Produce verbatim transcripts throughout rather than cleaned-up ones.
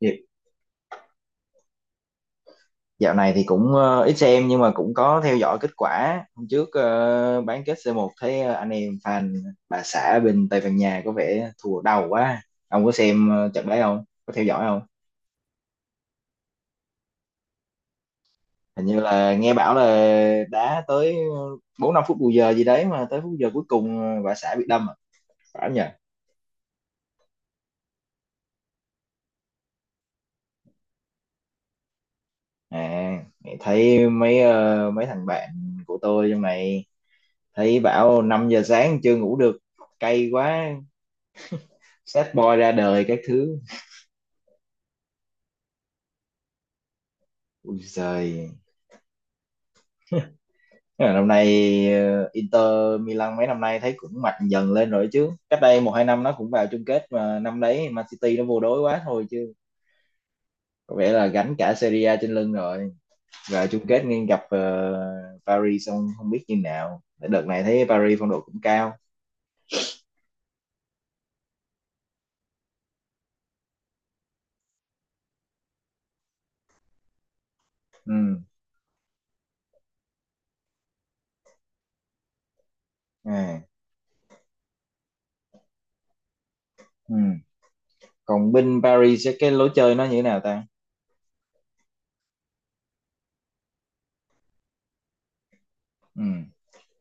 Dạ- Dạo này thì cũng ờ, ít xem nhưng mà cũng có theo dõi kết quả. Hôm trước ờ, bán kết xê một thấy ờ, anh em fan bà xã bên Tây Ban Nha có vẻ thua đầu quá. Ông có xem ờ, trận đấy không? Có theo dõi không? Hình như là nghe bảo là đá tới bốn năm phút bù giờ gì đấy mà tới phút giờ cuối cùng ờ, bà xã bị đâm à? Phải không nhỉ? À, thấy mấy ờ, mấy thằng bạn của tôi trong này thấy bảo năm giờ sáng chưa ngủ được, cay quá, sad boy ra đời các thứ. Ui giời. Thế là năm nay ờ, Inter Milan mấy năm nay thấy cũng mạnh dần lên rồi chứ. Cách đây một hai năm nó cũng vào chung kết mà năm đấy Man City nó vô đối quá thôi chứ. Có vẻ là gánh cả Serie A trên lưng rồi. Vào chung kết nên gặp ờ, Paris xong không biết như nào. Đợt này thấy Paris phong độ cũng cao. Ừ. À. Ừ. Còn bên Paris sẽ cái lối chơi nó như thế nào ta? Ừ.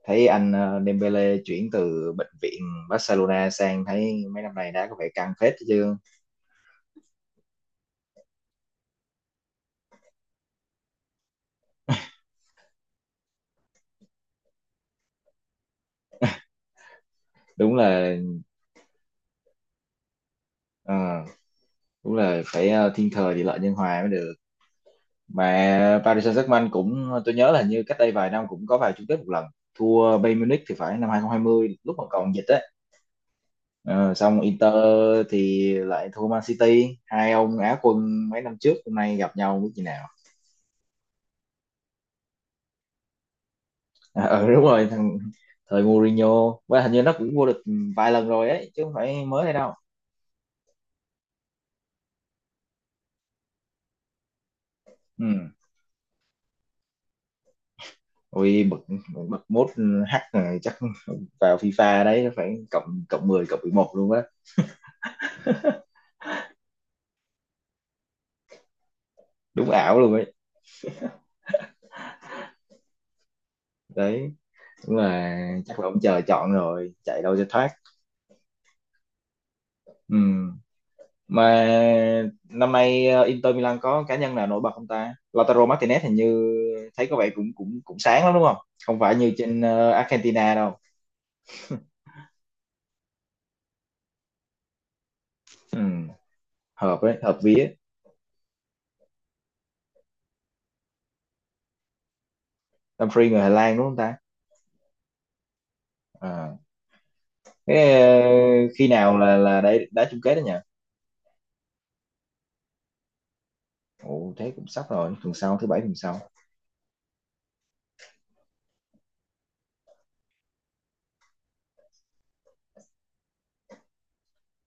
Thấy anh ờ, Dembele chuyển từ bệnh viện Barcelona sang thấy mấy năm nay đá có vẻ căng phết chứ. Đúng là Ờ, đúng là phải ờ, thiên thời địa lợi nhân hòa mới được. Mà Paris Saint-Germain cũng tôi nhớ là hình như cách đây vài năm cũng có vào chung kết một lần thua Bayern Munich thì phải, năm hai nghìn không trăm hai mươi lúc mà còn dịch ấy. Ờ, xong Inter thì lại thua Man City, hai ông Á quân mấy năm trước hôm nay gặp nhau biết như nào. Ờ ờ, đúng rồi thằng thời Mourinho và hình như nó cũng vô địch vài lần rồi ấy chứ không phải mới đây đâu. Ừ. Ôi, bậc bậc mốt hack rồi, chắc vào FIFA đấy phải cộng cộng mười cộng mười một luôn á. Đúng ảo luôn ấy đấy, đúng là chắc là ông trời chọn rồi chạy đâu cho thoát. Ừ. Mà năm nay ờ, Inter Milan có cá nhân nào nổi bật không ta? Lautaro Martinez hình như thấy có vẻ cũng cũng cũng sáng lắm đúng không? Không phải như trên ờ, Argentina đâu. Ừ. Hợp ấy hợp vía. Dumfries người Hà Lan đúng không ta? À. Thế ờ, khi nào là là đá, đá chung kết đó nhỉ? Ồ thế cũng sắp rồi, tuần sau thứ bảy tuần sau.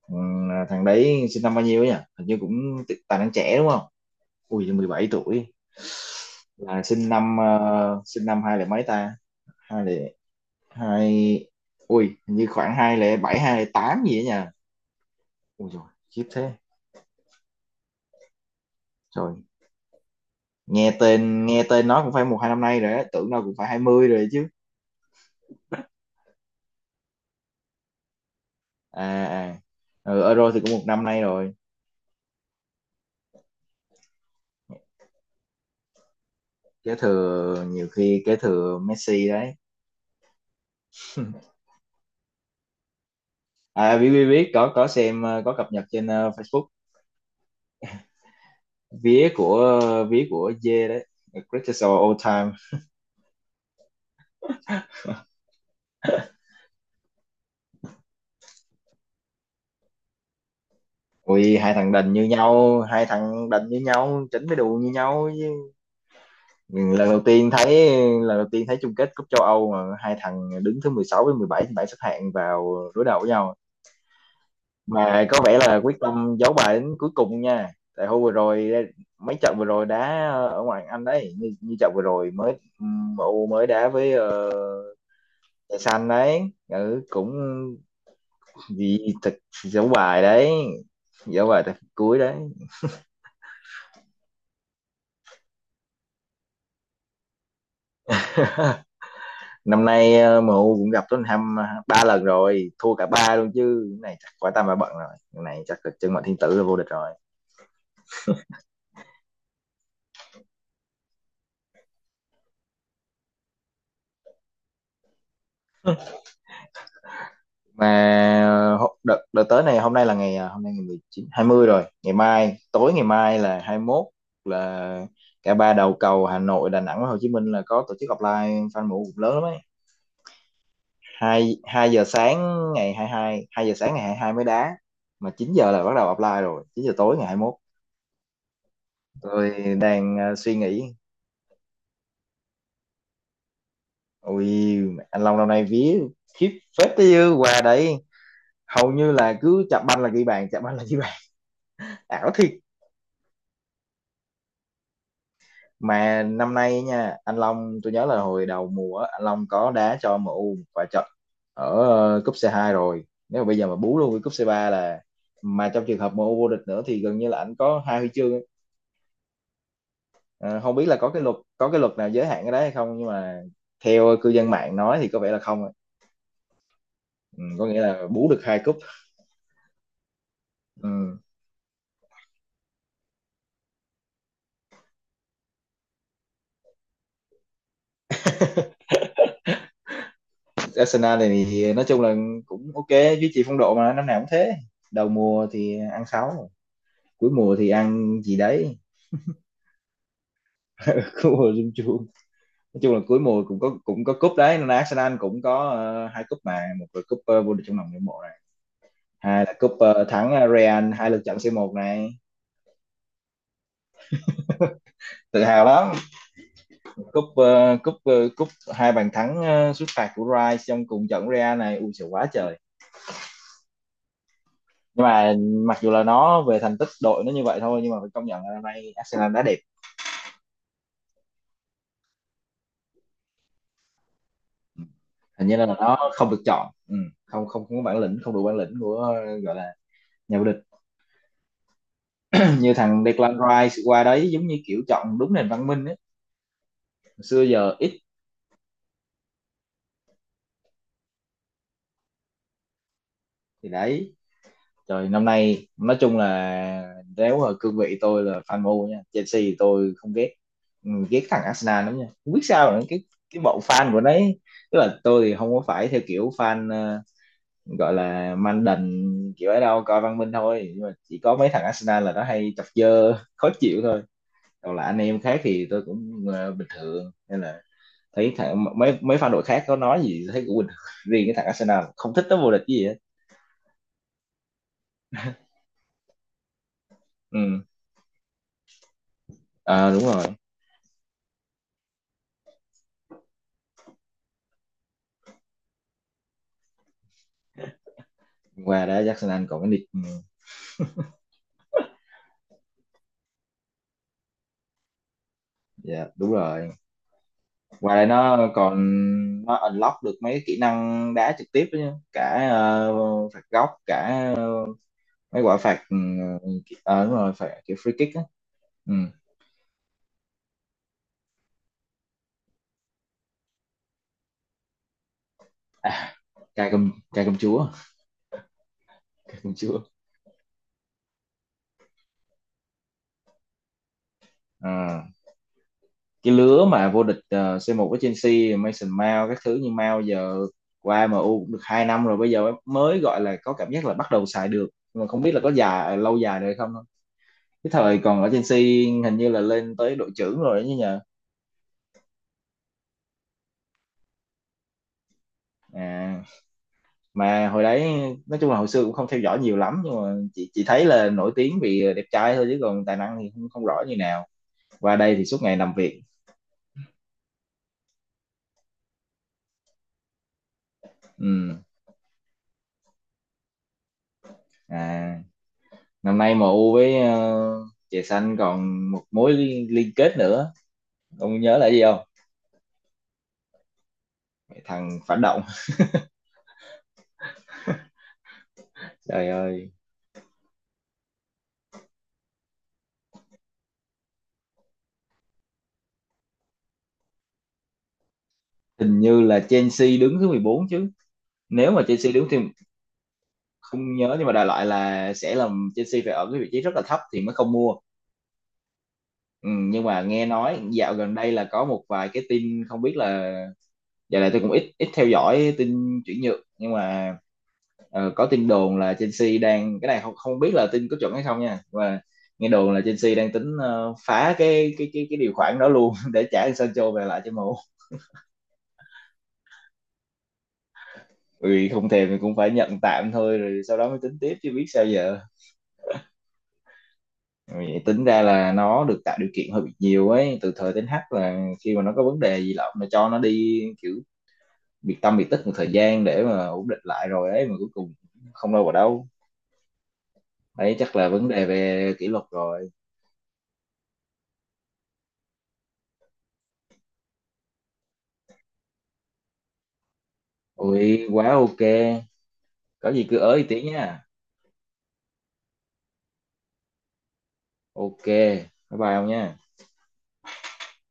Ừ, thằng đấy sinh năm bao nhiêu ấy nhỉ, hình như cũng tài năng trẻ đúng không? Ui mười bảy tuổi. Là sinh năm ờ, sinh năm hai mấy ta? Hai lẻ hai. Ui hình như khoảng hai lẻ bảy, hai lẻ tám gì đó nha. Ui rồi. Khiếp thế. Rồi. Nghe tên nghe tên nó cũng phải một hai năm nay rồi á, tưởng nó cũng phải hai mươi rồi chứ. À à. Ừ, Euro thì cũng một năm nay rồi. Kế thừa, nhiều khi kế thừa Messi đấy. À, biết biết biết, có có xem ờ, có cập nhật trên ờ, Facebook. Vía của vía của Dê đấy. Greatest of all time. Ui, hai thằng đành như nhau, hai thằng đành như nhau, chỉnh cái đùi như nhau chứ. lần đầu tiên thấy lần đầu tiên thấy chung kết cúp châu Âu mà hai thằng đứng thứ mười sáu với mười bảy trên bảng xếp hạng vào đối đầu với nhau. Mà có vẻ là quyết tâm giấu bài đến cuối cùng nha. Tại hôm vừa rồi mấy trận vừa rồi đá ở ngoại Anh đấy, như, như trận vừa rồi mới M U mới đá với ờ, Trời Xanh đấy. Ừ, cũng. Vì thật. Giấu bài đấy. Giấu bài tới cuối đấy. Năm nay ờ, M U cũng gặp Tottenham ờ, ba lần rồi, thua cả ba luôn chứ, cái này chắc quả tam bà bận rồi. Cái này chắc là chân mệnh thiên tử là vô địch rồi. Mà ờ, hô- đợt, đợt tới này, hôm nay là ngày ờ, hôm nay ngày mười chín hai mươi rồi, ngày mai tối ngày mai là hai mốt, là cả ba đầu cầu Hà Nội, Đà Nẵng và Hồ Chí Minh là có tổ chức offline fan em u cũng lớn lắm ấy. Hai hai giờ sáng ngày 22, hai hai giờ sáng ngày hai hai mới đá. Mà chín giờ là bắt đầu offline rồi, chín giờ tối ngày hai mốt. Tôi đang ờ, suy nghĩ. Ui, anh Long năm nay vía khiếp phết tới dư quà đấy. Hầu như là cứ chạm banh là ghi bàn, chạm banh là ghi bàn. Ảo thiệt. Mà năm nay nha, anh Long tôi nhớ là hồi đầu mùa á, anh Long có đá cho M U và trận ở ờ, cúp xê hai rồi. Nếu mà bây giờ mà bú luôn với cúp xê ba là, mà trong trường hợp M U vô địch nữa thì gần như là anh có hai huy chương. Ờ, không biết là có cái luật có cái luật nào giới hạn cái đấy hay không, nhưng mà theo cư dân mạng nói thì có vẻ là không ạ. Ừ, có nghĩa là bú được hai cúp. Ừ. Arsenal này thì nói chung là cũng ok, duy trì phong độ mà năm nào cũng thế. Đầu mùa thì ăn sáu, cuối mùa thì ăn gì đấy. Cuối mùa chung chung. Nói chung là cuối mùa cũng có cũng có cúp đấy, nên Arsenal cũng có ờ, hai cúp, mà một là cúp ờ, vô địch trong lòng người hâm mộ này. Hai là cúp ờ, thắng ờ, Real hai lượt trận C một này. Tự hào lắm. Cúp ờ, cúp ờ, cúp hai bàn thắng ờ, sút phạt của Rice trong cùng trận Real này, ui trời quá trời. Nhưng mà mặc dù là nó về thành tích đội nó như vậy thôi, nhưng mà phải công nhận là năm nay Arsenal đá đẹp. Hình như là nó không được chọn. Ừ. Không, không, không có bản lĩnh, không đủ bản lĩnh của ờ, gọi là nhà vô địch. Như thằng Declan Rice qua đấy giống như kiểu chọn đúng nền văn minh ấy. Xưa giờ ít. Thì đấy. Rồi năm nay nói chung là nếu ở cương vị tôi là fan M U nha, Chelsea thì tôi không ghét. Ừ, ghét thằng Arsenal lắm nha, không biết sao nữa cái cái bọn fan của đấy. Tức là tôi thì không có phải theo kiểu fan ờ, gọi là man đần kiểu ấy đâu, coi văn minh thôi, nhưng mà chỉ có mấy thằng Arsenal là nó hay chọc dơ khó chịu thôi. Còn là anh em khác thì tôi cũng ờ, bình thường nên là thấy thằng mấy mấy fan đội khác có nói gì thấy cũng bình thường. Riêng cái thằng Arsenal không thích nó vô địch cái gì hết. Ừ. Ờ đúng rồi. Qua đó Jackson Anh còn cái nick ừ, dạ đúng rồi. Qua đây nó còn, nó unlock được mấy kỹ năng đá trực tiếp đó nhá. Cả ờ, phạt góc, cả ờ, mấy quả phạt ừ, ờ đúng rồi, phạt kiểu free kick á. Ừ. À, cai cầm cai cầm chúa, cai cầm chúa. Ờ. Cái lứa mà vô địch ờ, xê một với Chelsea, Mason Mount các thứ, nhưng Mount giờ qua M U cũng được hai năm rồi, bây giờ mới gọi là có cảm giác là bắt đầu xài được. Nhưng mà không biết là có dài lâu dài được không. Cái thời còn ở Chelsea hình như là lên tới đội trưởng rồi đấy nhờ. À, mà hồi đấy nói chung là hồi xưa cũng không theo dõi nhiều lắm, nhưng mà chỉ chỉ thấy là nổi tiếng vì đẹp trai thôi chứ còn tài năng thì không, không rõ như nào. Qua đây thì suốt ngày làm việc. Ừ. À, năm nay em U với ờ, chè xanh còn một mối liên, liên kết nữa. Ông nhớ là gì không? Thằng phản động. Trời ơi. Hình như là Chelsea đứng thứ mười bốn chứ. Nếu mà Chelsea đứng thì. Không nhớ nhưng mà đại loại là sẽ làm Chelsea phải ở cái vị trí rất là thấp thì mới không mua. Ừ, nhưng mà nghe nói dạo gần đây là có một vài cái tin không biết là. Dạo này tôi cũng ít ít theo dõi tin chuyển nhượng nhưng mà. Ờ, có tin đồn là Chelsea đang cái này không không biết là tin có chuẩn hay không nha, và nghe đồn là Chelsea đang tính ờ, phá cái cái cái cái điều khoản đó luôn để trả Sancho về lại cho M U. Ừ, không thèm thì cũng phải nhận tạm thôi rồi sau đó mới tính tiếp chứ biết sao giờ. Ừ, vậy tính ra là nó được tạo điều kiện hơi bị nhiều ấy từ thời đến H là khi mà nó có vấn đề gì lắm là cho nó đi kiểu biệt tâm biệt tích một thời gian để mà ổn định lại rồi ấy, mà cuối cùng không đâu vào đâu. Đấy chắc là vấn đề về kỷ luật rồi. Ui quá ok. Có gì cứ ới tiếng nha. Ok bye bye ông nha.